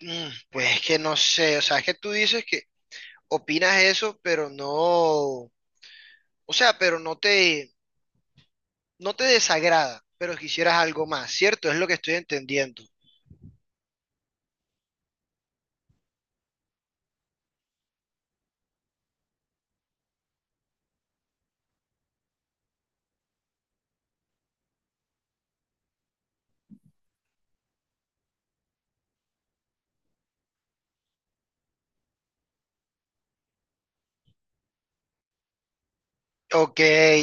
Pues es que no sé, o sea, es que tú dices que opinas eso, pero no, pero no te, no te desagrada, pero quisieras algo más, ¿cierto? Es lo que estoy entendiendo. Ok,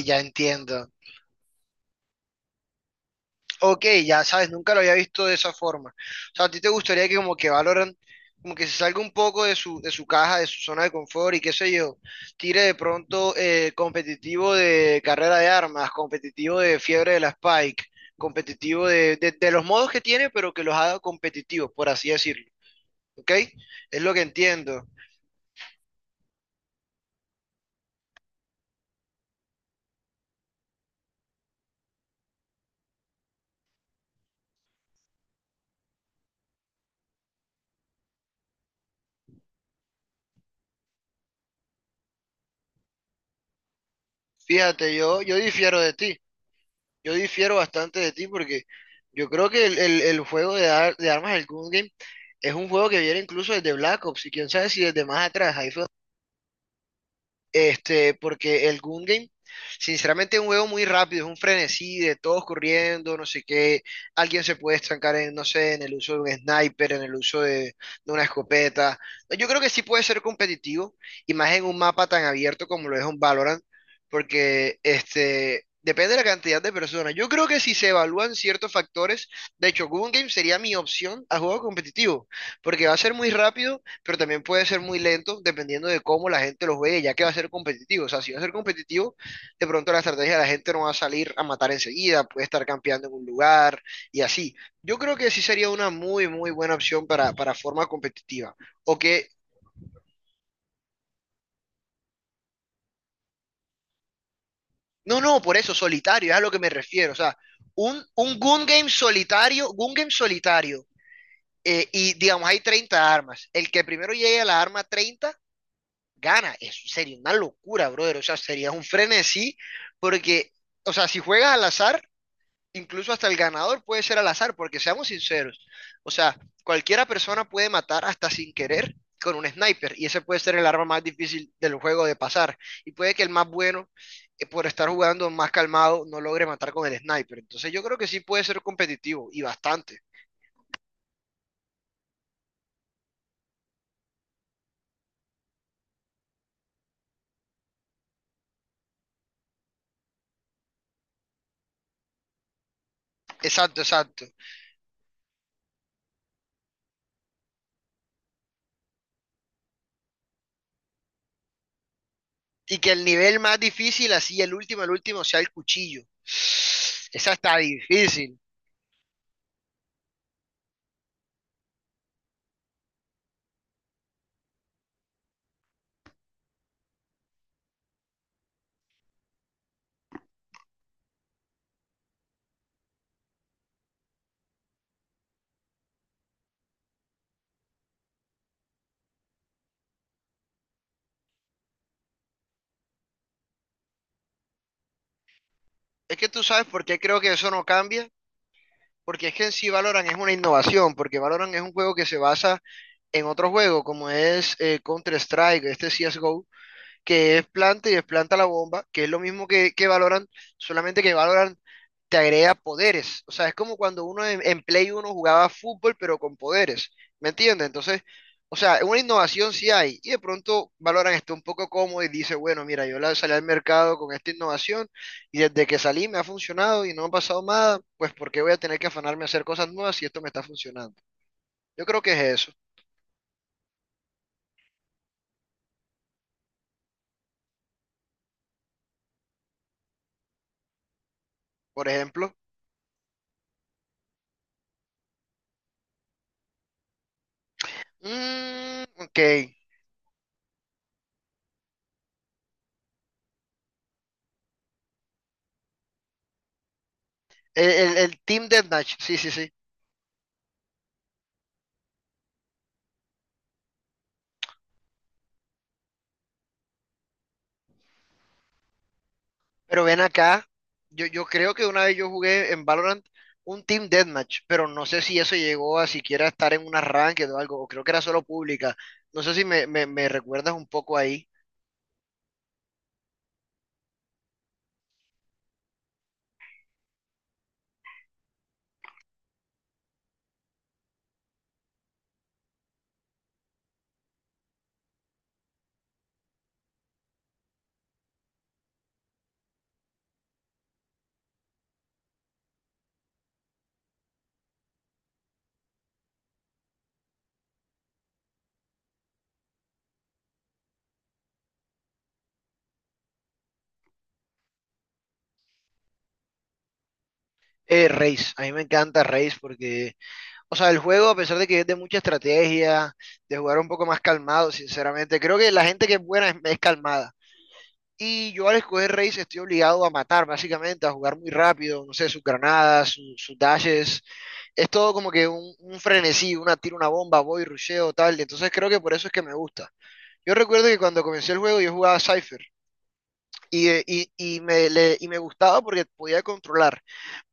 ya entiendo. Ok, ya sabes, nunca lo había visto de esa forma. O sea, ¿a ti te gustaría que como que Valorant, como que se salga un poco de su caja, de su zona de confort y qué sé yo, tire de pronto competitivo de carrera de armas, competitivo de fiebre de la Spike, competitivo de los modos que tiene, pero que los haga competitivos, por así decirlo. ¿Ok? Es lo que entiendo. Fíjate, yo difiero de ti. Yo difiero bastante de ti porque yo creo que el juego de armas, el Gun Game, es un juego que viene incluso desde Black Ops y quién sabe si desde más atrás. Ahí fue este, porque el Gun Game, sinceramente, es un juego muy rápido, es un frenesí de todos corriendo, no sé qué. Alguien se puede estancar en, no sé, en el uso de un sniper, en el uso de una escopeta. Yo creo que sí puede ser competitivo, y más en un mapa tan abierto como lo es un Valorant, porque este. Depende de la cantidad de personas. Yo creo que si se evalúan ciertos factores, de hecho, Gun Game sería mi opción a juego competitivo, porque va a ser muy rápido pero también puede ser muy lento dependiendo de cómo la gente los ve, ya que va a ser competitivo. O sea, si va a ser competitivo, de pronto la estrategia de la gente no va a salir a matar enseguida, puede estar campeando en un lugar y así. Yo creo que sí sería una muy, muy buena opción para forma competitiva. O que, no, no, por eso, solitario, es a lo que me refiero. O sea, un gun game solitario, gun game solitario. Y digamos, hay 30 armas. El que primero llegue a la arma 30 gana. Eso sería una locura, brother. O sea, sería un frenesí porque, o sea, si juegas al azar, incluso hasta el ganador puede ser al azar, porque seamos sinceros. O sea, cualquiera persona puede matar hasta sin querer con un sniper y ese puede ser el arma más difícil del juego de pasar. Y puede que el más bueno, por estar jugando más calmado, no logre matar con el sniper. Entonces yo creo que sí puede ser competitivo y bastante. Exacto, exacto. Y que el nivel más difícil, así el último, sea el cuchillo. Esa está difícil. Es que tú sabes por qué creo que eso no cambia. Porque es que en sí Valorant es una innovación. Porque Valorant es un juego que se basa en otro juego, como es Counter-Strike, este CSGO. Que es planta y desplanta la bomba, que es lo mismo que Valorant, solamente que Valorant te agrega poderes. O sea, es como cuando uno en Play uno jugaba fútbol, pero con poderes. ¿Me entiendes? Entonces, o sea, una innovación sí hay. Y de pronto Valorant está un poco cómodo y dice, bueno, mira, yo la- salí al mercado con esta innovación y desde que salí me ha funcionado y no me ha pasado nada, pues ¿por qué voy a tener que afanarme a hacer cosas nuevas si esto me está funcionando? Yo creo que es eso. Por ejemplo, mm, ok. El, el Team Deathmatch, sí, sí, sí. Pero ven acá, yo creo que una vez yo jugué en Valorant un Team Deathmatch, pero no sé si eso llegó a siquiera estar en un arranque o algo, o creo que era solo pública. No sé si me recuerdas un poco ahí. Raze, a mí me encanta Raze porque, o sea, el juego, a pesar de que es de mucha estrategia, de jugar un poco más calmado, sinceramente, creo que la gente que es buena es calmada. Y yo al escoger Raze estoy obligado a matar, básicamente, a jugar muy rápido, no sé, sus granadas, sus dashes. Es todo como que un frenesí, una tira una bomba, voy, rusheo, tal. Y entonces creo que por eso es que me gusta. Yo recuerdo que cuando comencé el juego yo jugaba Cypher y, y y me gustaba porque podía controlar,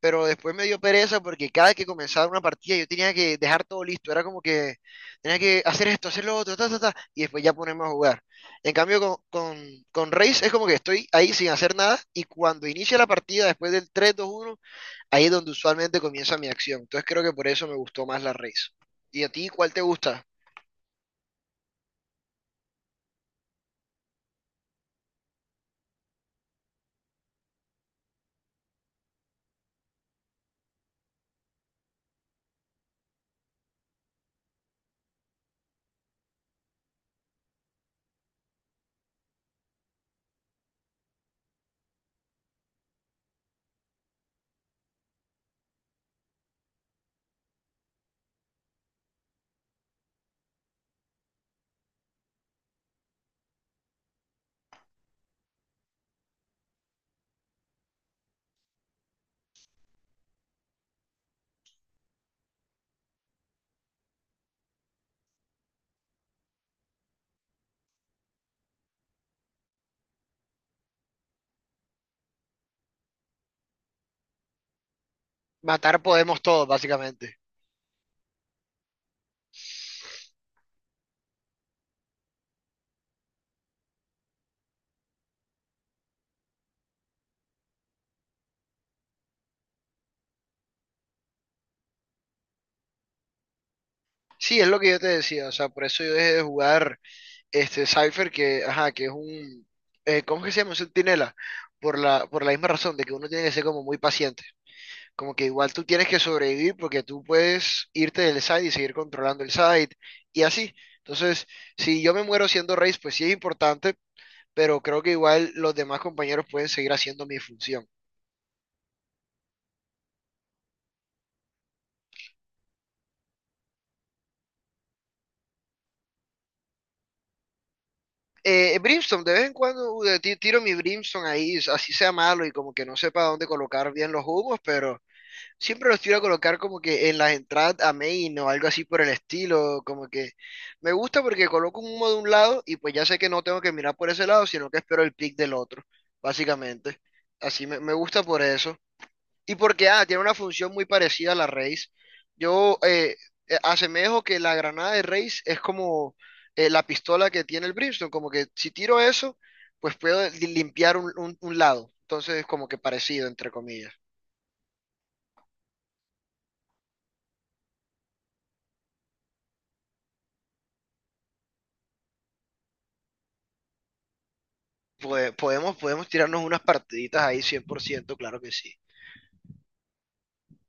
pero después me dio pereza porque cada vez que comenzaba una partida yo tenía que dejar todo listo, era como que tenía que hacer esto, hacer lo otro, ta, ta, ta, y después ya ponerme a jugar. En cambio con Raze es como que estoy ahí sin hacer nada y cuando inicia la partida después del tres dos uno ahí es donde usualmente comienza mi acción. Entonces creo que por eso me gustó más la race. ¿Y a ti cuál te gusta? Matar podemos todos, básicamente. Sí, es lo que yo te decía, o sea, por eso yo dejé de jugar este Cypher, que, ajá, que es un, ¿cómo que se llama? Un centinela, por por la misma razón, de que uno tiene que ser como muy paciente, como que igual tú tienes que sobrevivir porque tú puedes irte del site y seguir controlando el site, y así. Entonces, si yo me muero siendo race, pues sí es importante, pero creo que igual los demás compañeros pueden seguir haciendo mi función. Brimstone, de vez en cuando tiro mi Brimstone ahí, así sea malo y como que no sepa dónde colocar bien los humos, pero siempre los tiro a colocar como que en las entradas a main o algo así por el estilo, como que me gusta porque coloco un humo de un lado y pues ya sé que no tengo que mirar por ese lado, sino que espero el pick del otro, básicamente. Así me gusta por eso. Y porque ah, tiene una función muy parecida a la raíz. Yo asemejo que la granada de raíz es como la pistola que tiene el Brimstone, como que si tiro eso, pues puedo limpiar un, un lado. Entonces es como que parecido, entre comillas. Podemos, podemos tirarnos unas partiditas ahí 100%, claro que sí.